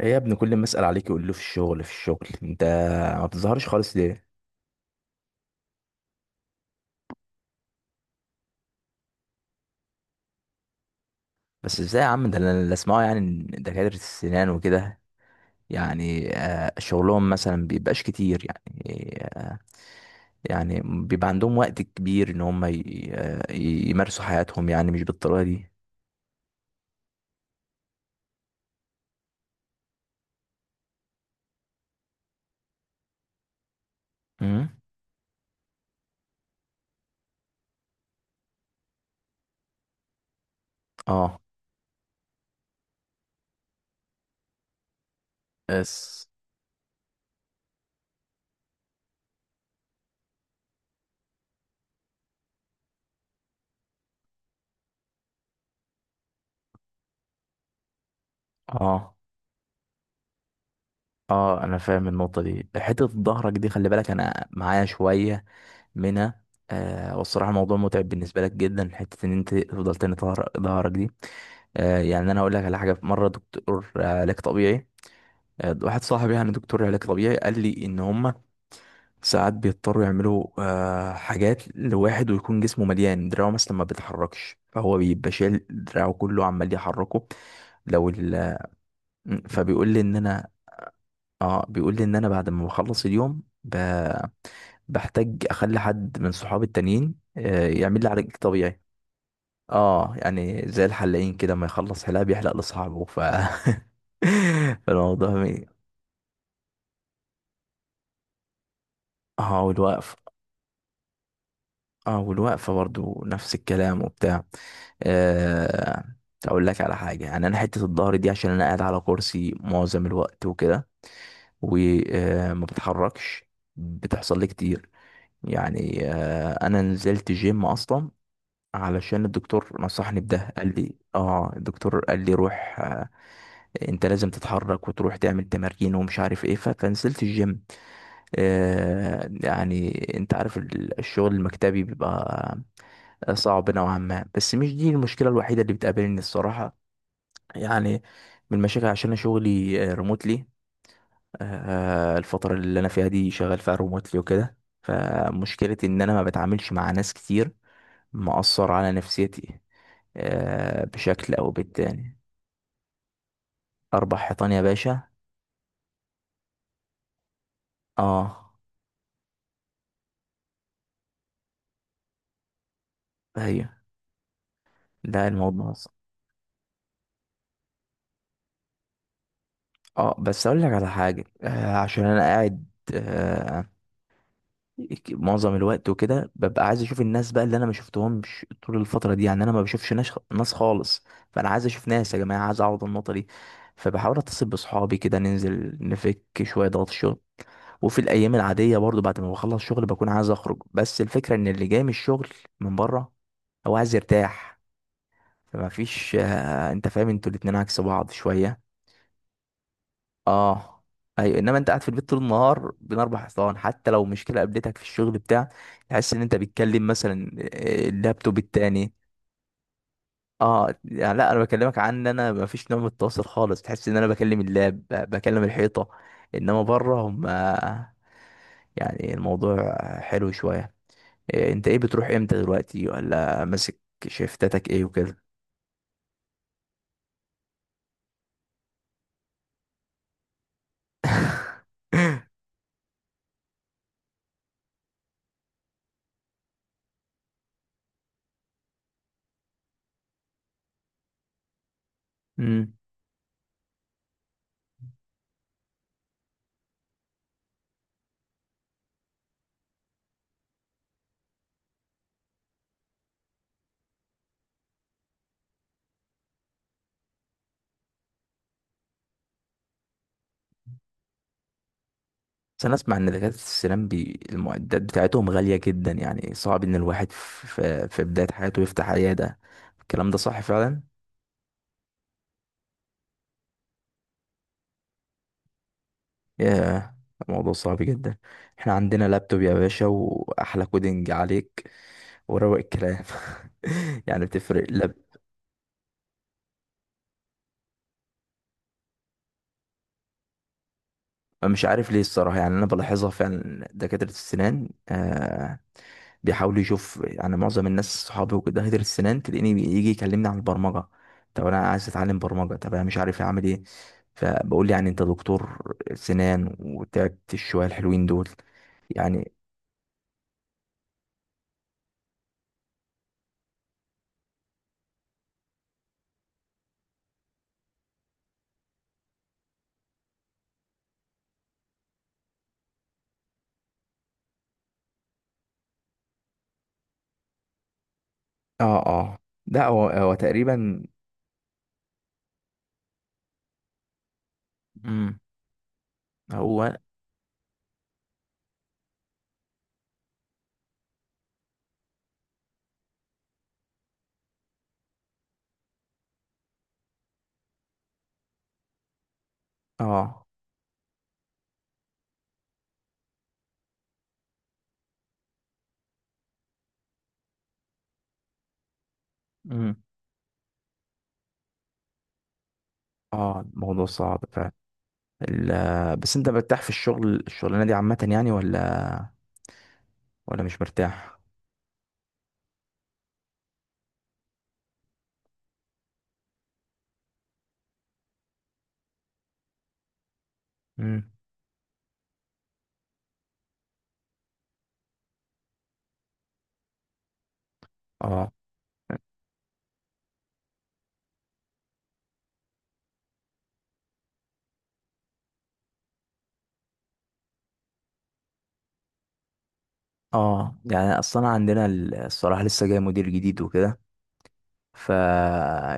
ايه يا ابني، كل ما اسال عليك يقول له في الشغل في الشغل. انت ما بتظهرش خالص ليه؟ بس ازاي يا عم؟ ده انا اللي اسمعه يعني إن دكاتره السنان وكده، يعني شغلهم مثلا بيبقاش كتير، يعني يعني بيبقى عندهم وقت كبير ان هم يمارسوا حياتهم، يعني مش بالطريقه دي. امم. اه. اس. اه. اه انا فاهم النقطه دي، حته ظهرك دي خلي بالك انا معايا شويه منها. آه والصراحة الموضوع متعب بالنسبة لك جدا، حتة إن أنت تفضل تاني ظهرك دي. آه يعني أنا هقول لك على حاجة، في مرة دكتور علاج طبيعي، آه واحد صاحبي يعني دكتور علاج طبيعي قال لي إن هما ساعات بيضطروا يعملوا آه حاجات لواحد، ويكون جسمه مليان، دراعه مثلا ما بيتحركش فهو بيبقى شايل دراعه كله عمال يحركه. لو ال م، فبيقول لي إن أنا، اه بيقول لي إن أنا بعد ما بخلص اليوم بحتاج أخلي حد من صحابي التانيين يعمل لي علاج طبيعي. اه يعني زي الحلاقين كده، ما يخلص حلاقة بيحلق لصاحبه، ف فالموضوع مي... اه والوقف. اه والوقفة برضو نفس الكلام وبتاع. آه... اقول لك على حاجة، يعني انا حتة الظهر دي عشان انا قاعد على كرسي معظم الوقت وكده وما بتحركش بتحصل لي كتير. يعني انا نزلت جيم اصلا علشان الدكتور نصحني بده، قال لي اه الدكتور قال لي روح، انت لازم تتحرك وتروح تعمل تمارين ومش عارف ايه، فكنسلت الجيم. آه يعني انت عارف الشغل المكتبي بيبقى صعب نوعا ما، بس مش دي المشكلة الوحيدة اللي بتقابلني الصراحة. يعني من المشاكل عشان انا شغلي ريموتلي، الفترة اللي انا فيها دي شغال فيها ريموتلي وكده، فمشكلتي ان انا ما بتعاملش مع ناس كتير مأثر على نفسيتي آه بشكل او بالتاني. اربع حيطان يا باشا. اه. ايوه، ده الموضوع اصلا. اه بس اقول لك على حاجه، آه عشان انا قاعد آه معظم الوقت وكده ببقى عايز اشوف الناس بقى، اللي انا ما شفتهمش طول الفتره دي، يعني انا ما بشوفش ناس ناس خالص، فانا عايز اشوف ناس يا جماعه، عايز اعوض النقطه دي. فبحاول اتصل بصحابي كده، ننزل نفك شويه ضغط الشغل. وفي الايام العاديه برضو بعد ما بخلص شغل بكون عايز اخرج، بس الفكره ان اللي جاي من الشغل من بره هو عايز يرتاح، فما فيش آه، انت فاهم انتوا الاتنين عكس بعض شويه. اه. ايوه انما انت قاعد في البيت طول النهار بين اربع حيطان، حتى لو مشكله قابلتك في الشغل بتاع، تحس ان انت بتكلم مثلا اللابتوب التاني. اه يعني لا انا بكلمك عن ان انا ما فيش نوع من التواصل خالص، تحس ان انا بكلم اللاب بكلم الحيطه، انما بره هم يعني الموضوع حلو شويه. إيه، انت ايه بتروح امتى دلوقتي؟ ولا ماسك شيفتاتك ايه وكده؟ امم. بس انا اسمع ان دكاتره السنان المعدات بتاعتهم غاليه جدا، يعني صعب ان الواحد في بدايه حياته يفتح عياده، الكلام ده صح فعلا؟ ياه، الموضوع صعب جدا. احنا عندنا لابتوب يا باشا واحلى كودينج عليك وروق الكلام. يعني بتفرق. مش عارف ليه الصراحة، يعني أنا بلاحظها فعلا، دكاترة السنان آه بيحاولوا يشوف، يعني معظم الناس صحابي وكده دكاترة السنان تلاقيني يجي يكلمني عن البرمجة، طب أنا عايز أتعلم برمجة، طب أنا مش عارف أعمل إيه. فبقول لي يعني أنت دكتور سنان وتعبت الشوية الحلوين دول، يعني. اه. اه ده هو هو تقريبا. مم. هو. اه. مم. اه الموضوع صعب فعلا. بس انت مرتاح في الشغل، الشغلانه دي عامه يعني؟ ولا مش مرتاح؟ مم. اه. اه يعني اصلا عندنا الصراحه لسه جاي مدير جديد وكده، ف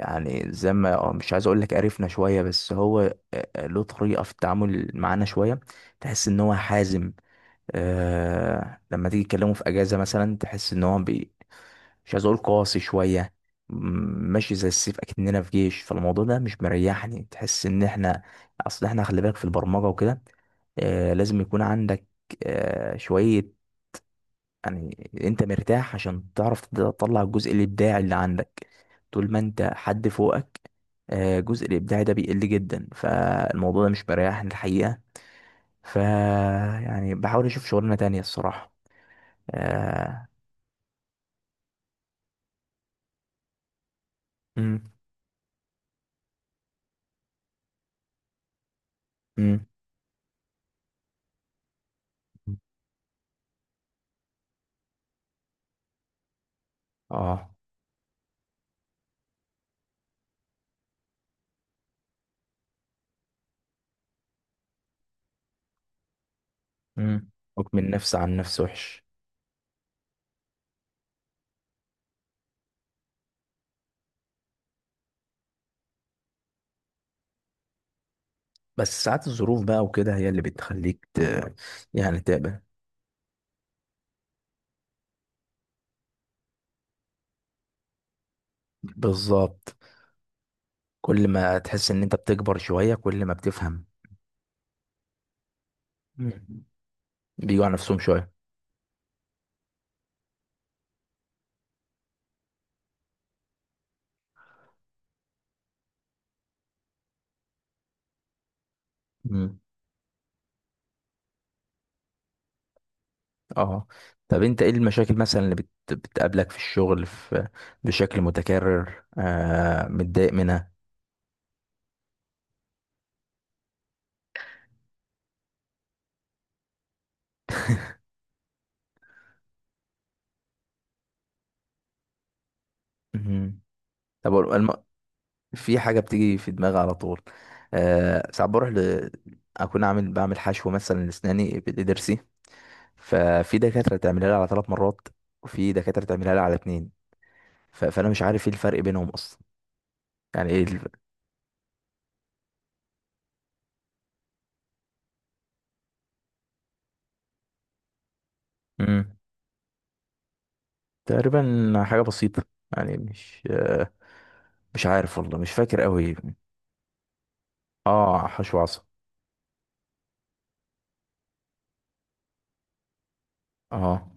يعني زي ما مش عايز اقول لك قرفنا شويه، بس هو له طريقه في التعامل معانا شويه، تحس ان هو حازم. آه لما تيجي تكلمه في اجازه مثلا تحس ان هو مش عايز اقول قاسي شويه. م- ماشي زي السيف اكننا في جيش، فالموضوع ده مش مريحني، تحس ان احنا، اصل احنا خلي بالك في البرمجه وكده لازم يكون عندك شوية، يعني انت مرتاح، عشان تعرف تطلع الجزء الابداعي اللي عندك، طول ما انت حد فوقك الجزء الابداعي ده بيقل جدا، فالموضوع ده مش مريحني الحقيقة. ف يعني بحاول اشوف شغلانة تانية الصراحة، آه. مم. مم. اه. مم. حكم النفس عن نفس وحش. بس ساعات الظروف بقى وكده هي اللي بتخليك يعني تقبل. بالظبط، كل ما تحس ان انت بتكبر شوية كل ما بتفهم. مم. بيجوا على نفسهم شوية. اه. طب انت ايه المشاكل مثلا اللي بتقابلك في الشغل بشكل متكرر، آه متضايق منها؟ مهم. طب في حاجة بتيجي في دماغي على طول، آه ساعات بروح اكون عامل، بعمل حشو مثلا لاسناني بضرسي، ففي دكاترة تعملها لي على 3 مرات وفي دكاترة تعملها لي على اتنين، فانا مش عارف ايه الفرق بينهم اصلا، يعني ايه مم. تقريبا حاجة بسيطة، يعني مش آه مش عارف والله مش فاكر قوي. اه حشو عصب. اه.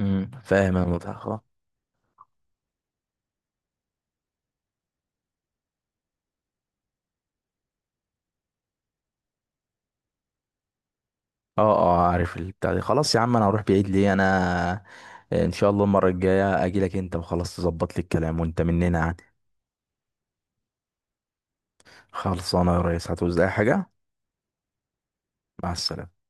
فاهم انا متعة اه. اه عارف البتاع دي. خلاص يا عم انا هروح بعيد ليه، انا ان شاء الله المره الجايه اجي لك انت، وخلاص تظبط لي الكلام وانت مننا يعني. خلصانه يا ريس، هتعوز اي حاجه؟ مع السلامه.